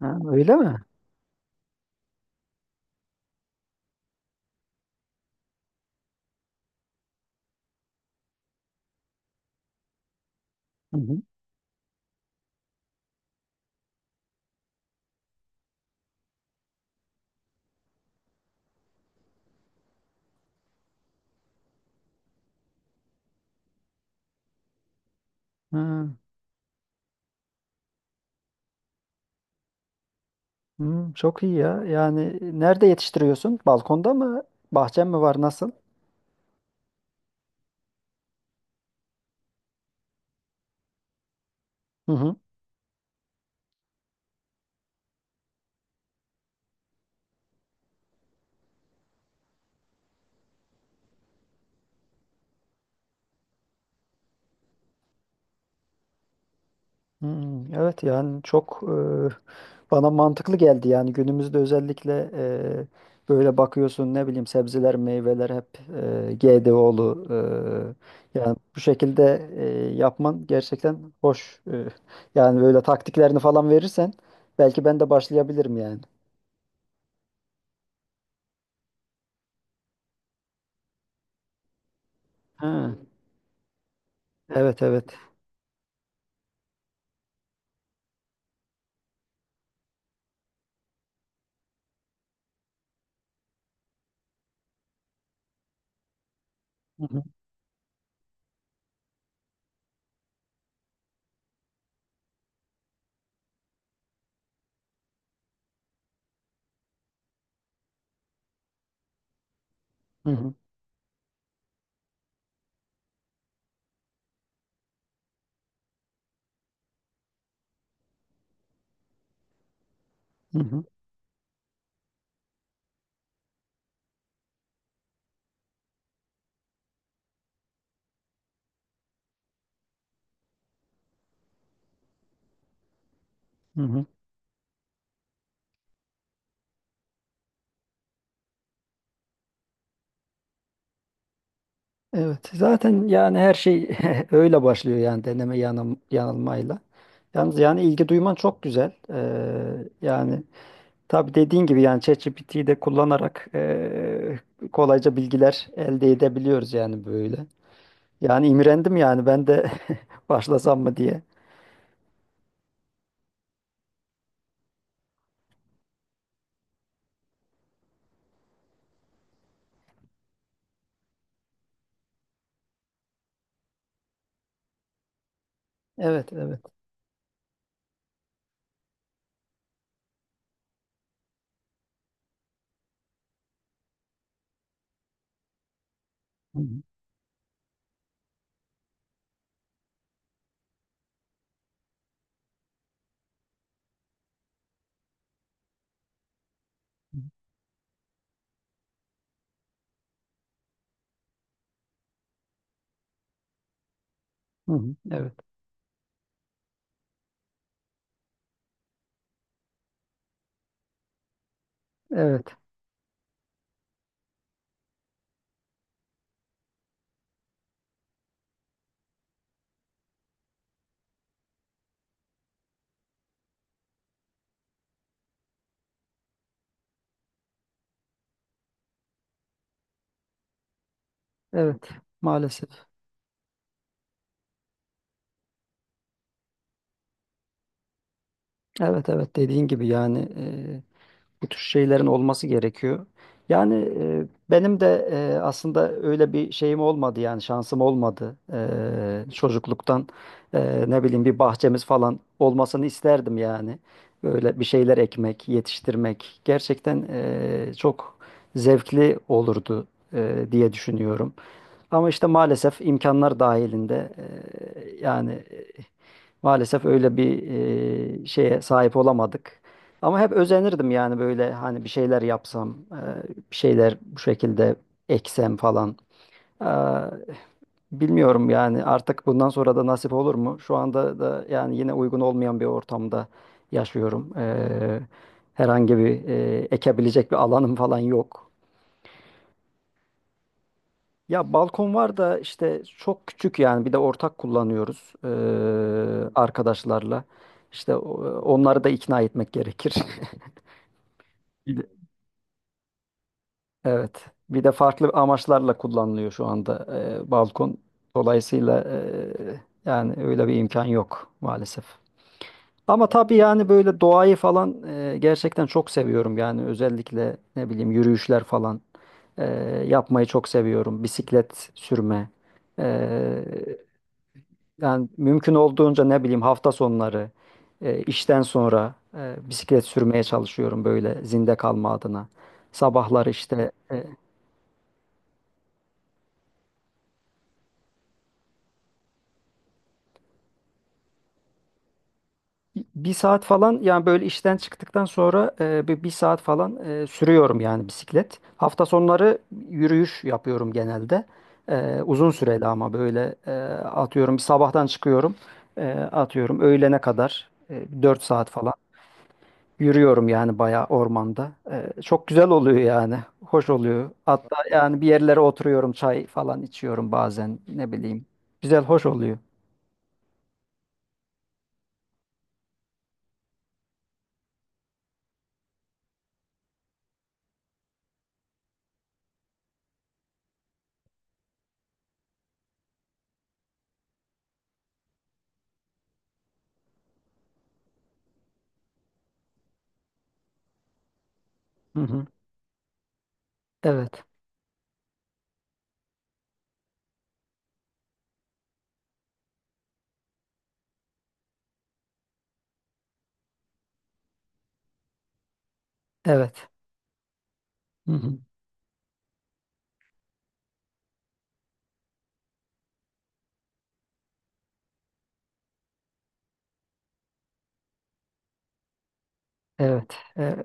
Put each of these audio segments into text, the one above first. Ha, öyle mi? Hı hı. Ha, hı, çok iyi ya. Yani, nerede yetiştiriyorsun? Balkonda mı? Bahçen mi var? Nasıl? Hı hı. Hı, evet yani çok, bana mantıklı geldi yani günümüzde, özellikle böyle bakıyorsun ne bileyim, sebzeler meyveler hep GDO'lu. Yani bu şekilde yapman gerçekten hoş. Yani böyle taktiklerini falan verirsen, belki ben de başlayabilirim yani. Ha, evet evet. Hı hı. Hı hı. Hı hı, hı hı. Evet, zaten yani her şey öyle başlıyor yani, deneme yanılmayla. Yalnız yani ilgi duyman çok güzel. Yani tabii dediğin gibi yani, ChatGPT'yi de kullanarak kolayca bilgiler elde edebiliyoruz yani böyle. Yani imrendim yani, ben de başlasam mı diye. Evet, evet. Hı hı, hı hı. Evet, evet, evet. Maalesef. Evet, evet, dediğin gibi yani. Bu tür şeylerin olması gerekiyor. Yani, benim de aslında öyle bir şeyim olmadı yani, şansım olmadı. Çocukluktan ne bileyim, bir bahçemiz falan olmasını isterdim yani. Böyle bir şeyler ekmek, yetiştirmek gerçekten çok zevkli olurdu diye düşünüyorum. Ama işte maalesef imkanlar dahilinde, yani maalesef öyle bir şeye sahip olamadık. Ama hep özenirdim yani, böyle hani bir şeyler yapsam, bir şeyler bu şekilde eksem falan. Eee, bilmiyorum yani, artık bundan sonra da nasip olur mu? Şu anda da yani yine uygun olmayan bir ortamda yaşıyorum. Herhangi bir ekebilecek bir alanım falan yok. Ya balkon var da işte çok küçük yani, bir de ortak kullanıyoruz arkadaşlarla. İşte onları da ikna etmek gerekir. Bir de- Evet. Bir de farklı amaçlarla kullanılıyor şu anda balkon. Dolayısıyla, yani öyle bir imkan yok maalesef. Ama tabii yani, böyle doğayı falan gerçekten çok seviyorum. Yani özellikle ne bileyim, yürüyüşler falan eee, yapmayı çok seviyorum. Bisiklet sürme. Yani mümkün olduğunca, ne bileyim, hafta sonları işten sonra bisiklet sürmeye çalışıyorum, böyle zinde kalma adına. Sabahları işte bir saat falan yani, böyle işten çıktıktan sonra bir saat falan sürüyorum yani, bisiklet. Hafta sonları yürüyüş yapıyorum genelde. Uzun süreli ama böyle, atıyorum sabahtan çıkıyorum, atıyorum öğlene kadar 4 saat falan yürüyorum yani, bayağı ormanda. Çok güzel oluyor yani. Hoş oluyor. Hatta yani, bir yerlere oturuyorum, çay falan içiyorum bazen. Ne bileyim. Güzel, hoş oluyor. Hı hı. Evet. Evet. Hı hı. Evet. Ee,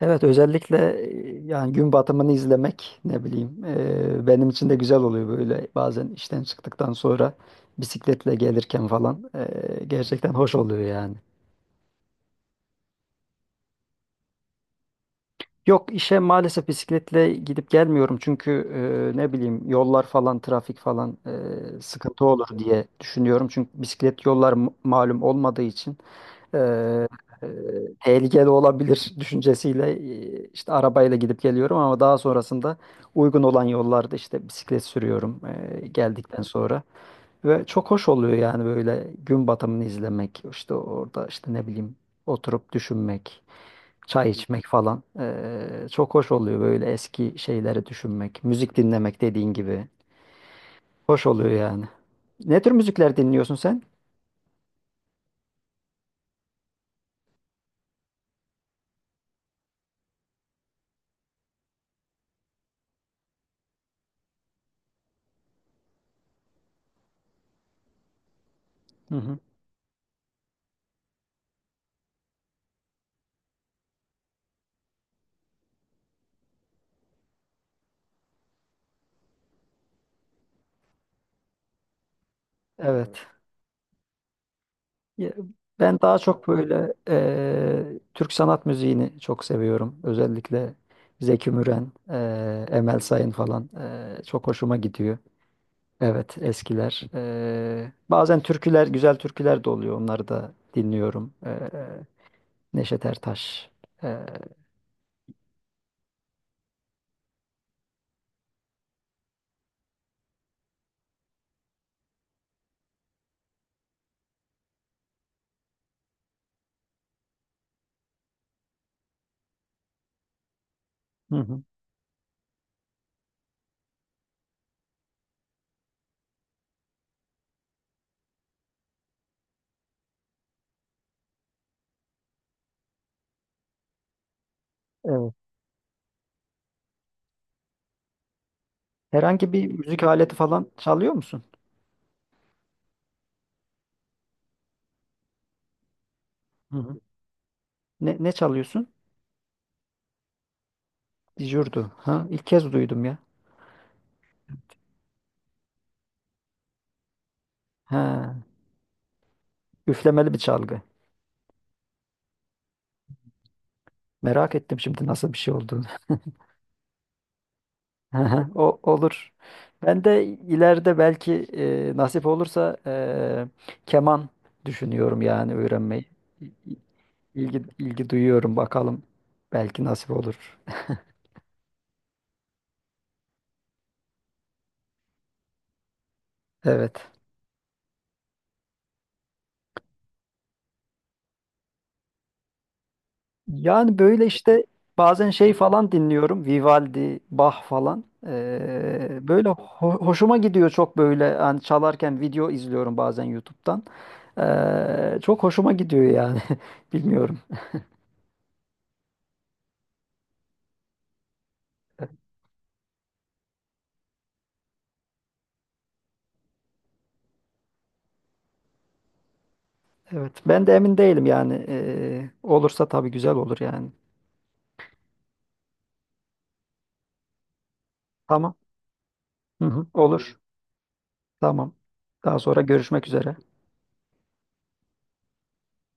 evet özellikle yani gün batımını izlemek, ne bileyim, benim için de güzel oluyor, böyle bazen işten çıktıktan sonra bisikletle gelirken falan gerçekten hoş oluyor yani. Yok, işe maalesef bisikletle gidip gelmiyorum, çünkü ne bileyim, yollar falan, trafik falan, sıkıntı olur diye düşünüyorum. Çünkü bisiklet yollar malum olmadığı için, e, e, tehlikeli olabilir düşüncesiyle, işte arabayla gidip geliyorum, ama daha sonrasında uygun olan yollarda işte bisiklet sürüyorum geldikten sonra. Ve çok hoş oluyor yani, böyle gün batımını izlemek işte orada, işte ne bileyim, oturup düşünmek. Çay içmek falan. Çok hoş oluyor, böyle eski şeyleri düşünmek, müzik dinlemek, dediğin gibi. Hoş oluyor yani. Ne tür müzikler dinliyorsun sen? Hı hı. Evet. Ya, ben daha çok böyle Türk sanat müziğini çok seviyorum. Özellikle Zeki Müren, Emel Sayın falan, çok hoşuma gidiyor. Evet, eskiler. Bazen türküler, güzel türküler de oluyor. Onları da dinliyorum. Neşet Ertaş. Ee, Hı hı. Evet. Herhangi bir müzik aleti falan çalıyor musun? Hı hı. Ne çalıyorsun? Dijurdu. Ha, ilk kez duydum ya. Ha, üflemeli bir çalgı. Merak ettim şimdi nasıl bir şey olduğunu. Hı hı, o olur. Ben de ileride belki nasip olursa keman düşünüyorum yani, öğrenmeyi. İ- ilgi duyuyorum bakalım. Belki nasip olur. Evet. Yani böyle işte, bazen şey falan dinliyorum. Vivaldi, Bach falan. Böyle hoşuma gidiyor çok, böyle hani çalarken video izliyorum bazen YouTube'dan. Çok hoşuma gidiyor yani. Bilmiyorum. Evet. Ben de emin değilim yani. Olursa tabii güzel olur yani. Tamam. Hı hı, olur. Tamam. Daha sonra görüşmek üzere.